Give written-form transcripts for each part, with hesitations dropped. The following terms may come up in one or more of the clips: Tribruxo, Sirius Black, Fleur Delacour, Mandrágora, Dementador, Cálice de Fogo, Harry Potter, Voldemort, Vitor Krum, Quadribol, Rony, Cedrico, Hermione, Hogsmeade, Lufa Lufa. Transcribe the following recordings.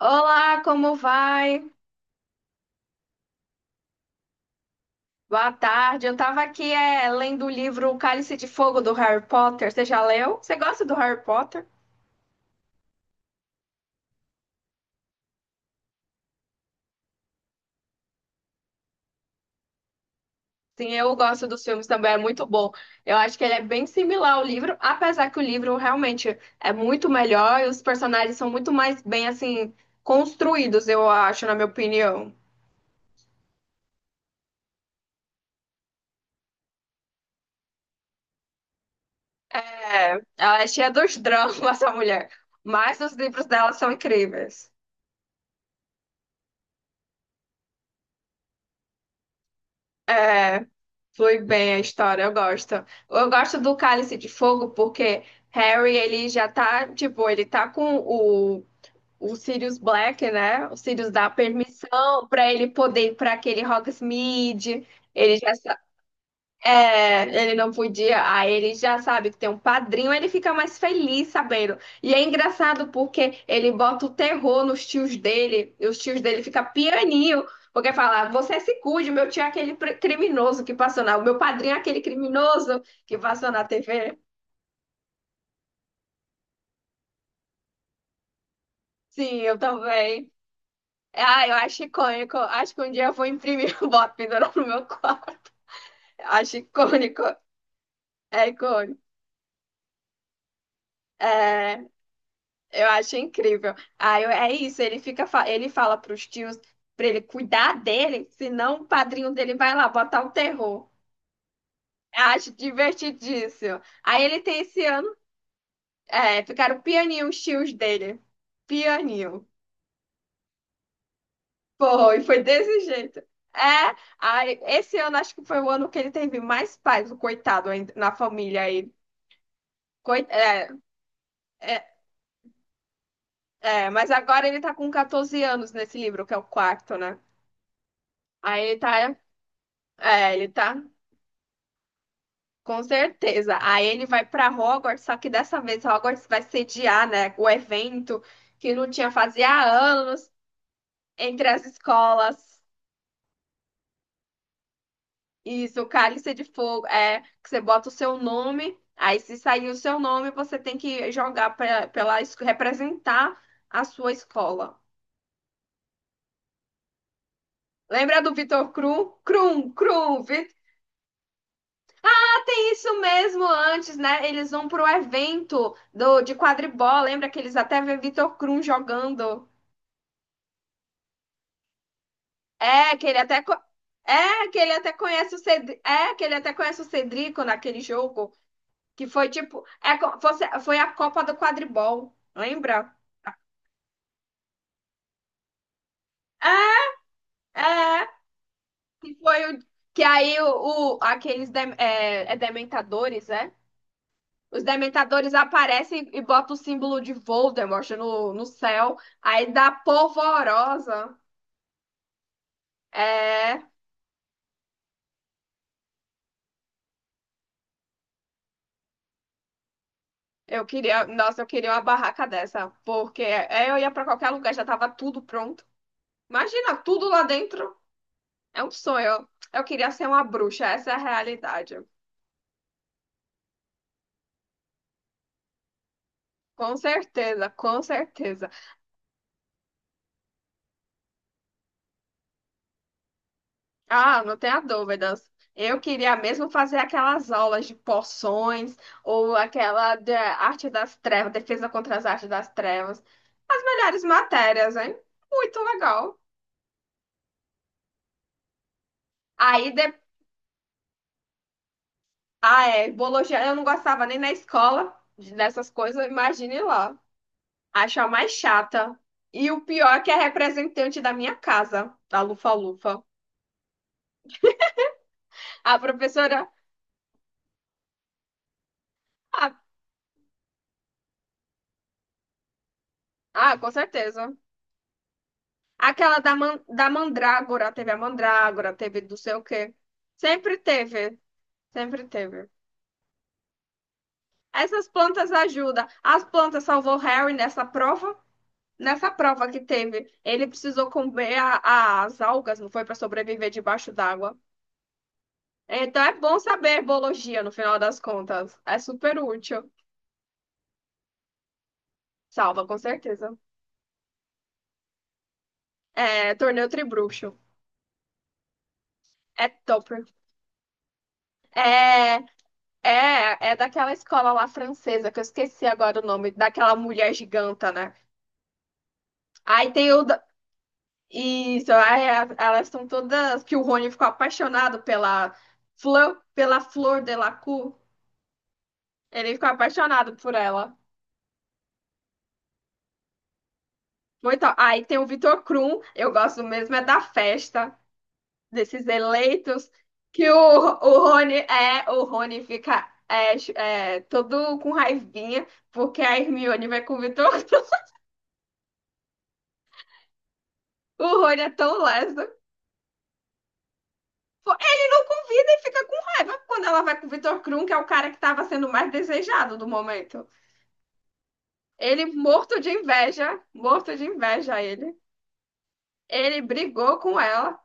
Olá, como vai? Boa tarde. Eu tava aqui lendo o livro O Cálice de Fogo do Harry Potter. Você já leu? Você gosta do Harry Potter? Sim, eu gosto dos filmes também, é muito bom. Eu acho que ele é bem similar ao livro, apesar que o livro realmente é muito melhor e os personagens são muito mais bem assim construídos, eu acho, na minha opinião. É, ela é cheia dos dramas, essa mulher, mas os livros dela são incríveis. É. Foi bem a história, eu gosto. Eu gosto do Cálice de Fogo porque Harry, ele já tá, tipo, ele tá com o Sirius Black, né? O Sirius dá permissão pra ele poder ir pra aquele Hogsmeade. Ele já ele não podia, aí ele já sabe que tem um padrinho, ele fica mais feliz sabendo. E é engraçado porque ele bota o terror nos tios dele, e os tios dele ficam pianinho, porque fala, você se cuide, meu tio é aquele criminoso que passou na... O meu padrinho é aquele criminoso que passou na TV. Sim, eu também. Ah, eu acho icônico. Acho que um dia eu vou imprimir o boto pendurar no meu quarto. Acho icônico. É icônico. É. Eu acho incrível. É isso, ele fica, ele fala pros tios pra ele cuidar dele, senão o padrinho dele vai lá botar o terror. Acho divertidíssimo. Aí ele tem esse ano, é, ficaram pianinho os tios dele. Pianinho. Pô, e foi desse jeito. É, aí, esse ano acho que foi o ano que ele teve mais paz, o coitado ainda, na família aí. Coi- é, é, mas agora ele tá com 14 anos nesse livro, que é o quarto, né? Aí ele tá, é, ele tá. Com certeza. Aí ele vai para Hogwarts, só que dessa vez Hogwarts vai sediar, né, o evento que não tinha fazia anos entre as escolas. Isso, o Cálice de Fogo, é que você bota o seu nome, aí se sair o seu nome, você tem que jogar pra, representar a sua escola. Lembra do Vitor Krum? Krum, Krum, Vitor. É isso mesmo, antes, né? Eles vão pro evento do, de quadribol. Lembra que eles até vê Vitor Krum jogando. É, que ele até, co- que ele até conhece o Cedrico, é, que ele até conhece o Cedrico naquele jogo, que foi tipo, foi a Copa do Quadribol, lembra? É, é, que foi o, que aí o- aqueles, dem- é, é dementadores, é? Os dementadores aparecem e botam o símbolo de Voldemort no céu, aí dá polvorosa. É, eu queria, nossa, eu queria uma barraca dessa, porque é, eu ia pra qualquer lugar, já tava tudo pronto. Imagina, tudo lá dentro é um sonho. Eu queria ser uma bruxa, essa é a realidade. Com certeza, com certeza. Ah, não tenha dúvidas. Eu queria mesmo fazer aquelas aulas de poções ou aquela de arte das trevas, defesa contra as artes das trevas. As melhores matérias, hein? Muito legal. Aí, de... ah, é, biologia eu não gostava nem na escola dessas coisas, imagine lá. Acho a mais chata. E o pior é que é a representante da minha casa, da Lufa Lufa. A professora. Ah, ah, com certeza. Da Mandrágora, teve a Mandrágora, teve do sei o quê. Sempre teve, sempre teve. Essas plantas ajudam. As plantas salvou Harry nessa prova. Nessa prova que teve, ele precisou comer as algas, não foi para sobreviver debaixo d'água. Então é bom saber biologia no final das contas. É super útil. Salva, com certeza. É, torneio Tribruxo. É topper. É, é daquela escola lá francesa, que eu esqueci agora o nome, daquela mulher giganta, né? Aí tem o. da- Isso, elas são todas. Que o Rony ficou apaixonado pela Fleur, pela Flor Delacour. Ele ficou apaixonado por ela. Muito. Aí tem o Vitor Krum, eu gosto mesmo, é da festa. Desses eleitos, que o Rony é, o Rony fica todo com raivinha, porque a Hermione vai com o Vitor Krum. O Rony é tão leso. Pô, ele não convida e fica com raiva quando ela vai com o Vitor Krum, que é o cara que estava sendo mais desejado do momento. Ele morto de inveja ele. Ele brigou com ela.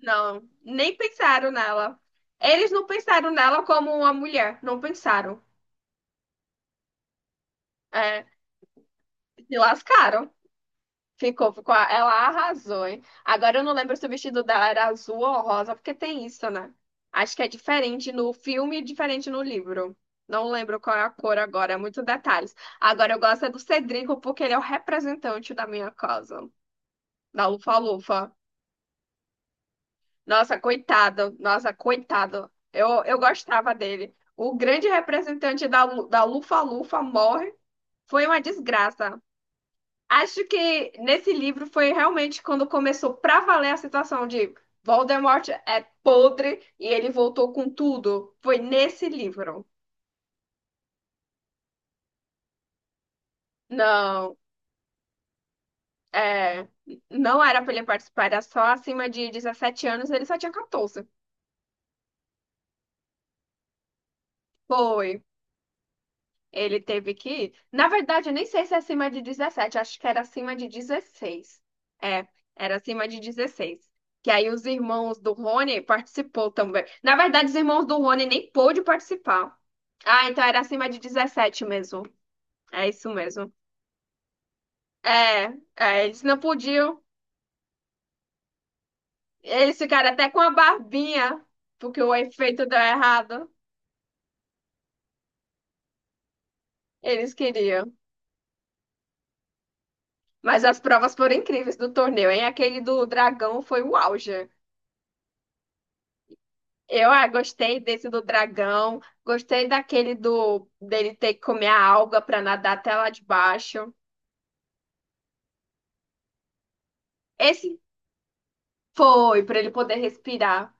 Não, nem pensaram nela. Eles não pensaram nela como uma mulher, não pensaram. É, se lascaram. Ficou, ficou. Ela arrasou, hein? Agora eu não lembro se o vestido dela era azul ou rosa, porque tem isso, né? Acho que é diferente no filme e diferente no livro. Não lembro qual é a cor agora, é muitos detalhes. Agora eu gosto é do Cedrico porque ele é o representante da minha casa, da Lufa-Lufa. Nossa, coitado, nossa, coitado. Eu gostava dele. O grande representante da Lufa-Lufa morre. Foi uma desgraça. Acho que nesse livro foi realmente quando começou pra valer a situação de Voldemort é podre e ele voltou com tudo. Foi nesse livro. Não, é, não era pra ele participar, era só acima de 17 anos, ele só tinha 14. Foi. Ele teve que ir. Na verdade, eu nem sei se é acima de 17. Acho que era acima de 16. É, era acima de 16. Que aí os irmãos do Rony participou também. Na verdade, os irmãos do Rony nem pôde participar. Ah, então era acima de 17 mesmo. É isso mesmo. É, eles não podiam. Eles ficaram até com a barbinha, porque o efeito deu errado. Eles queriam. Mas as provas foram incríveis do torneio, hein? Aquele do dragão foi o auge. Gostei desse do dragão, gostei daquele do dele ter que comer a alga para nadar até lá de baixo. Esse foi para ele poder respirar.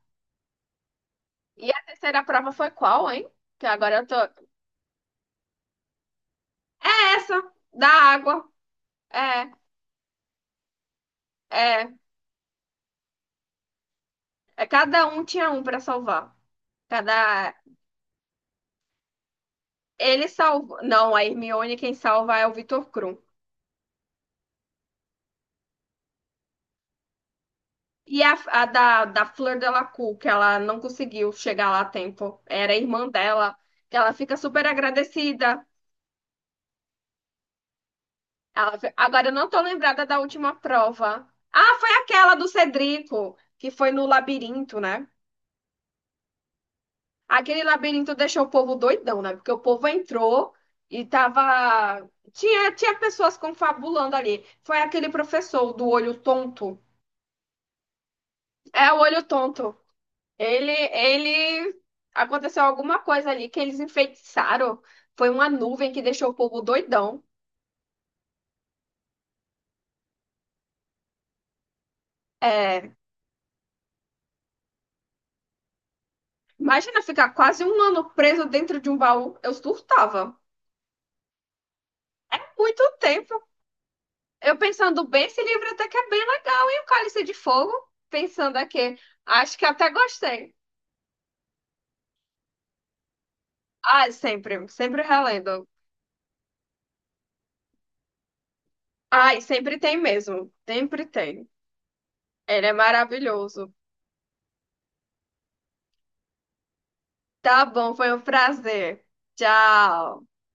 E a terceira prova foi qual, hein? Que agora eu tô essa da água. É, é, é cada um tinha um para salvar. Cada ele salvou. Não, a Hermione quem salva é o Vitor Krum. E a, a da Fleur Delacour, que ela não conseguiu chegar lá a tempo. Era a irmã dela que ela fica super agradecida. Agora eu não tô lembrada da última prova. Ah, foi aquela do Cedrico, que foi no labirinto, né? Aquele labirinto deixou o povo doidão, né? Porque o povo entrou e tava. Tinha pessoas confabulando ali. Foi aquele professor do olho tonto. É, o olho tonto. Ele, ele. Aconteceu alguma coisa ali que eles enfeitiçaram. Foi uma nuvem que deixou o povo doidão. É, imagina ficar quase um ano preso dentro de um baú. Eu surtava. Muito tempo. Eu pensando bem, esse livro até que é bem legal. E o Cálice de Fogo? Pensando aqui, acho que até gostei. Ah, sempre, sempre relendo. Ai, sempre tem mesmo. Sempre tem. Ele é maravilhoso. Tá bom, foi um prazer. Tchau.